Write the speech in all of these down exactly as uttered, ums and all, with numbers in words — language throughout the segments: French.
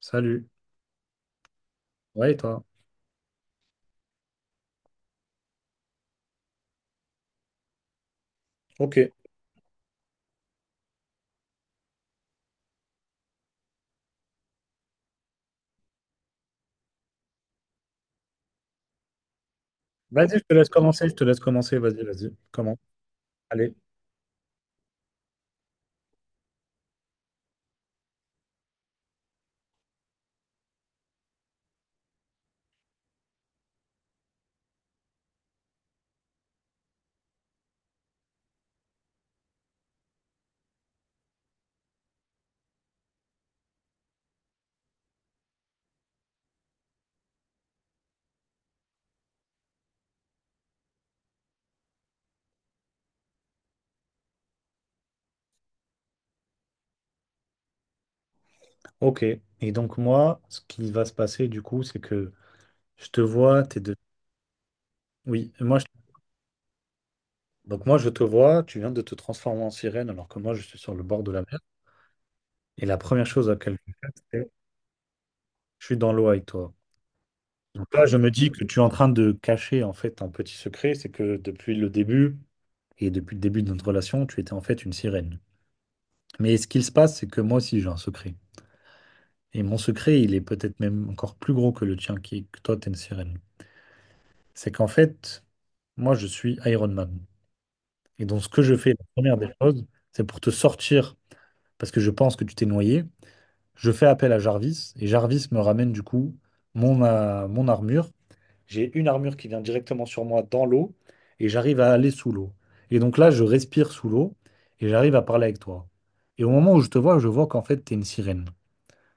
Salut. Ouais, et toi? Ok. Vas-y, je te laisse commencer, je te laisse commencer, vas-y, vas-y, comment allez. Ok. Et donc moi, ce qui va se passer du coup, c'est que je te vois, t'es de... Oui, moi je... Donc moi je te vois, tu viens de te transformer en sirène alors que moi je suis sur le bord de la mer. Et la première chose à laquelle je pense, c'est je suis dans l'eau avec toi. Donc là, je me dis que tu es en train de cacher en fait un petit secret, c'est que depuis le début, et depuis le début de notre relation, tu étais en fait une sirène. Mais ce qu'il se passe, c'est que moi aussi j'ai un secret. Et mon secret, il est peut-être même encore plus gros que le tien, qui est que toi, t'es une sirène. C'est qu'en fait, moi, je suis Iron Man. Et donc, ce que je fais, la première des choses, c'est pour te sortir, parce que je pense que tu t'es noyé, je fais appel à Jarvis, et Jarvis me ramène du coup mon, euh, mon armure. J'ai une armure qui vient directement sur moi dans l'eau, et j'arrive à aller sous l'eau. Et donc là, je respire sous l'eau, et j'arrive à parler avec toi. Et au moment où je te vois, je vois qu'en fait, t'es une sirène.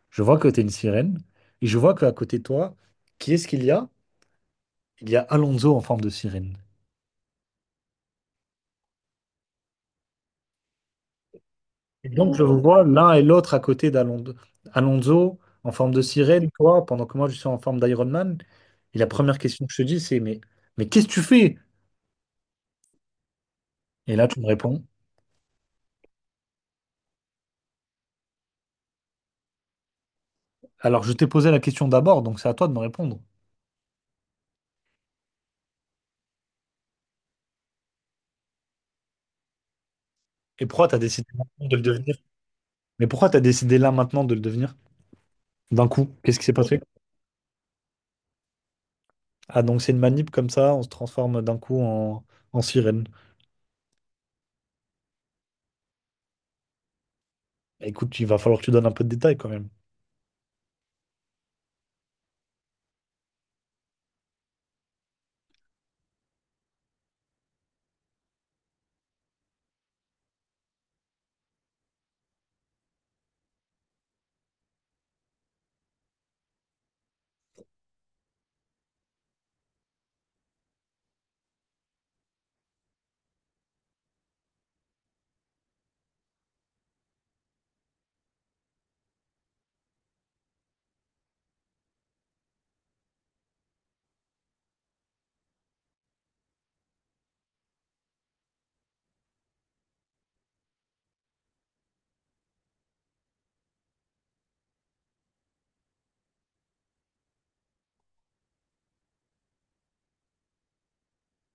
Je vois que tu es une sirène. Et je vois qu'à côté de toi, qui est-ce qu'il y a? Il y a Alonso en forme de sirène. Et donc, je vous oh vois l'un et l'autre à côté d'Alonso. Alonso en forme de sirène, toi, pendant que moi, je suis en forme d'Iron Man. Et la première question que je te dis, c'est, mais, mais qu'est-ce que tu fais? Et là, tu me réponds. Alors, je t'ai posé la question d'abord, donc c'est à toi de me répondre. Et pourquoi tu as décidé maintenant de le devenir? Mais pourquoi tu as décidé là maintenant de le devenir? D'un coup, qu'est-ce qui s'est passé? Ah, donc c'est une manip comme ça, on se transforme d'un coup en, en sirène. Écoute, il va falloir que tu donnes un peu de détails quand même.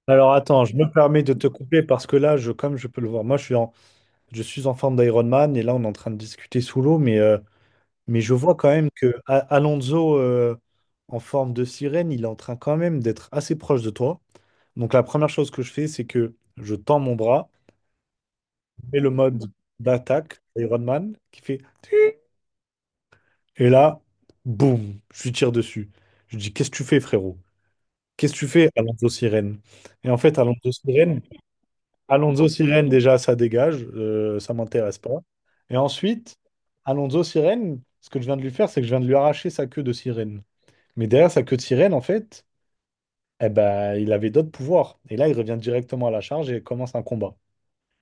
Alors attends, je me permets de te couper parce que là, je, comme je peux le voir, moi je suis en, je suis en forme d'Iron Man et là on est en train de discuter sous l'eau, mais, euh, mais je vois quand même que A- Alonso euh, en forme de sirène, il est en train quand même d'être assez proche de toi. Donc la première chose que je fais, c'est que je tends mon bras et le mode d'attaque Iron Man qui fait et là, boum, je lui tire dessus. Je lui dis, qu'est-ce que tu fais, frérot? Qu'est-ce que tu fais, Alonso Sirène? Et en fait, Alonso Sirène, Alonso Sirène, déjà, ça dégage, euh, ça m'intéresse pas. Et ensuite, Alonso Sirène, ce que je viens de lui faire, c'est que je viens de lui arracher sa queue de sirène. Mais derrière sa queue de sirène, en fait, eh ben, il avait d'autres pouvoirs. Et là, il revient directement à la charge et commence un combat.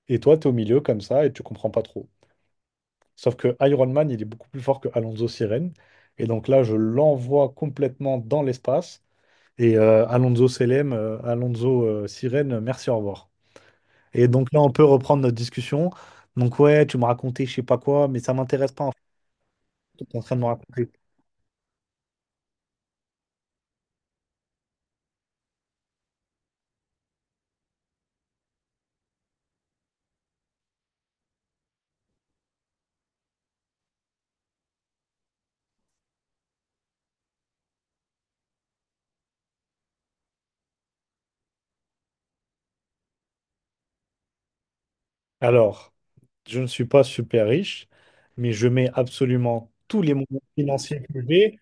Et toi, tu es au milieu comme ça et tu comprends pas trop. Sauf que Iron Man, il est beaucoup plus fort que Alonso Sirène. Et donc là, je l'envoie complètement dans l'espace. Et euh, Alonso Selem, euh, Alonso euh, Sirène, merci, au revoir. Et donc là, on peut reprendre notre discussion. Donc ouais, tu me racontais je sais pas quoi, mais ça m'intéresse pas en fait, ce que t'es en train de me raconter. Alors, je ne suis pas super riche, mais je mets absolument tous les moyens financiers que j'ai.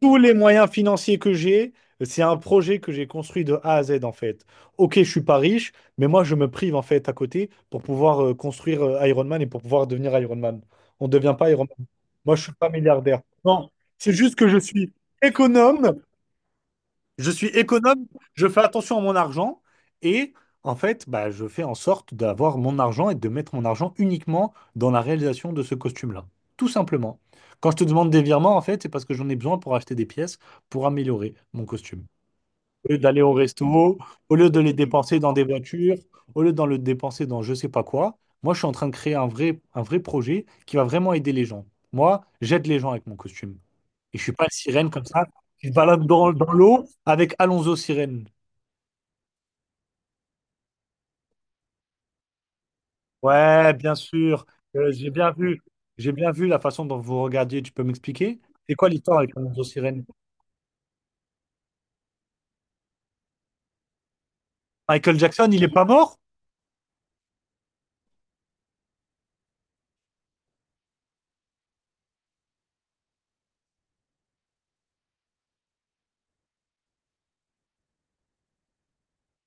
Tous les moyens financiers que j'ai, c'est un projet que j'ai construit de A à Z en fait. Ok, je suis pas riche, mais moi je me prive en fait à côté pour pouvoir euh, construire euh, Iron Man et pour pouvoir devenir Iron Man. On ne devient pas Iron Man. Moi, je suis pas milliardaire. Non, c'est juste que je suis économe. Je suis économe, je fais attention à mon argent et en fait, bah, je fais en sorte d'avoir mon argent et de mettre mon argent uniquement dans la réalisation de ce costume-là. Tout simplement. Quand je te demande des virements, en fait, c'est parce que j'en ai besoin pour acheter des pièces pour améliorer mon costume. Au lieu d'aller au resto, au lieu de les dépenser dans des voitures, au lieu de le dépenser dans je sais pas quoi, moi, je suis en train de créer un vrai, un vrai projet qui va vraiment aider les gens. Moi, j'aide les gens avec mon costume. Et je suis pas une sirène comme ça qui se balade dans, dans l'eau avec Alonso Sirène. Ouais, bien sûr. Euh, j'ai bien vu. J'ai bien vu la façon dont vous regardiez. Tu peux m'expliquer? C'est quoi l'histoire avec Alonso Sirène? Michael Jackson, il est pas mort?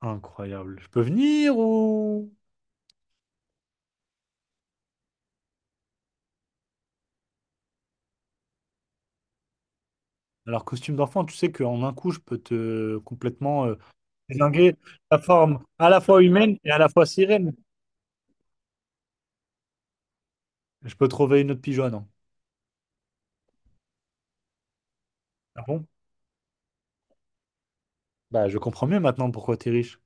Incroyable. Je peux venir ou... Alors, costume d'enfant, tu sais qu'en un coup, je peux te complètement euh, désinguer la forme à la fois humaine et à la fois sirène. Je peux trouver une autre pigeonne, hein. Ah bon? Bah, je comprends mieux maintenant pourquoi t'es riche.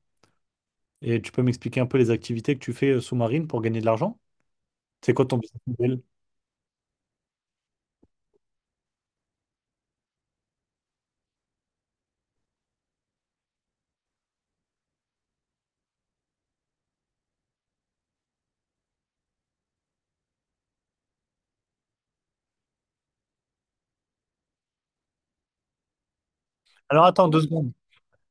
Et tu peux m'expliquer un peu les activités que tu fais euh, sous-marine pour gagner de l'argent? C'est quoi ton business model? Alors attends deux secondes.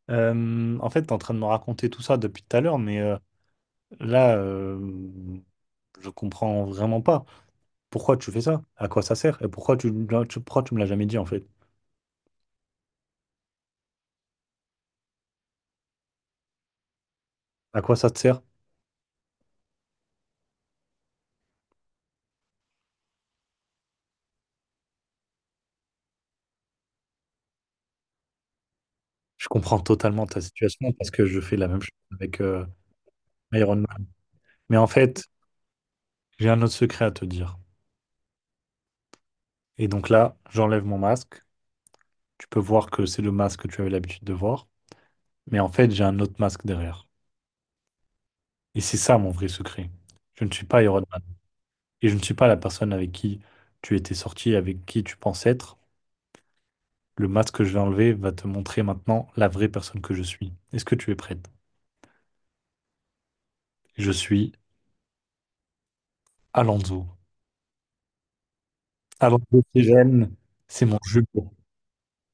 Euh, en fait, tu es en train de me raconter tout ça depuis tout à l'heure, mais euh, là, euh, je comprends vraiment pas. Pourquoi tu fais ça? À quoi ça sert? Et pourquoi tu, tu, pourquoi tu me l'as jamais dit en fait? À quoi ça te sert? Je comprends totalement ta situation parce que je fais la même chose avec euh, Iron Man. Mais en fait, j'ai un autre secret à te dire. Et donc là, j'enlève mon masque, tu peux voir que c'est le masque que tu avais l'habitude de voir, mais en fait, j'ai un autre masque derrière. Et c'est ça mon vrai secret. Je ne suis pas Iron Man. Et je ne suis pas la personne avec qui tu étais sorti, avec qui tu penses être. Le masque que je vais enlever va te montrer maintenant la vraie personne que je suis. Est-ce que tu es prête? Je suis Alonso. Alonso Sirène, c'est mon jumeau.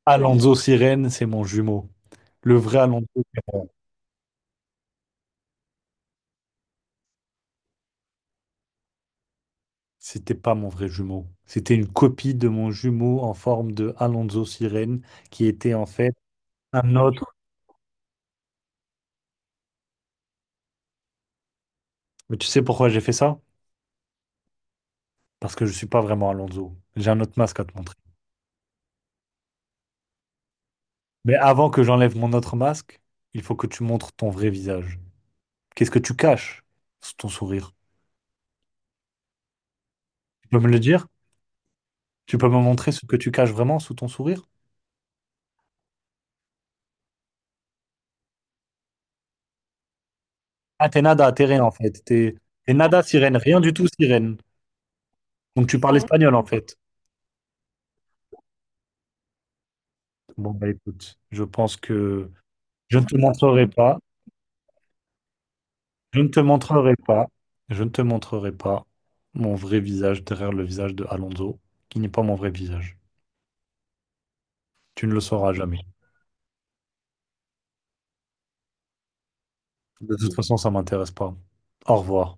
Alonso Sirène, c'est mon jumeau. Le vrai Alonso Sirène, c'était pas mon vrai jumeau. C'était une copie de mon jumeau en forme de Alonso Sirène qui était en fait un autre. Mais tu sais pourquoi j'ai fait ça? Parce que je suis pas vraiment Alonso. J'ai un autre masque à te montrer. Mais avant que j'enlève mon autre masque, il faut que tu montres ton vrai visage. Qu'est-ce que tu caches sous ton sourire? Tu peux me le dire? Tu peux me montrer ce que tu caches vraiment sous ton sourire? Ah, t'es nada, t'es rien en fait. T'es t'es nada sirène, rien du tout sirène. Donc tu parles espagnol en fait. Bon bah écoute, je pense que je ne te montrerai pas. Je ne te montrerai pas, je ne te montrerai pas mon vrai visage derrière le visage de Alonso, qui n'est pas mon vrai visage. Tu ne le sauras jamais. De toute façon, ça m'intéresse pas. Au revoir.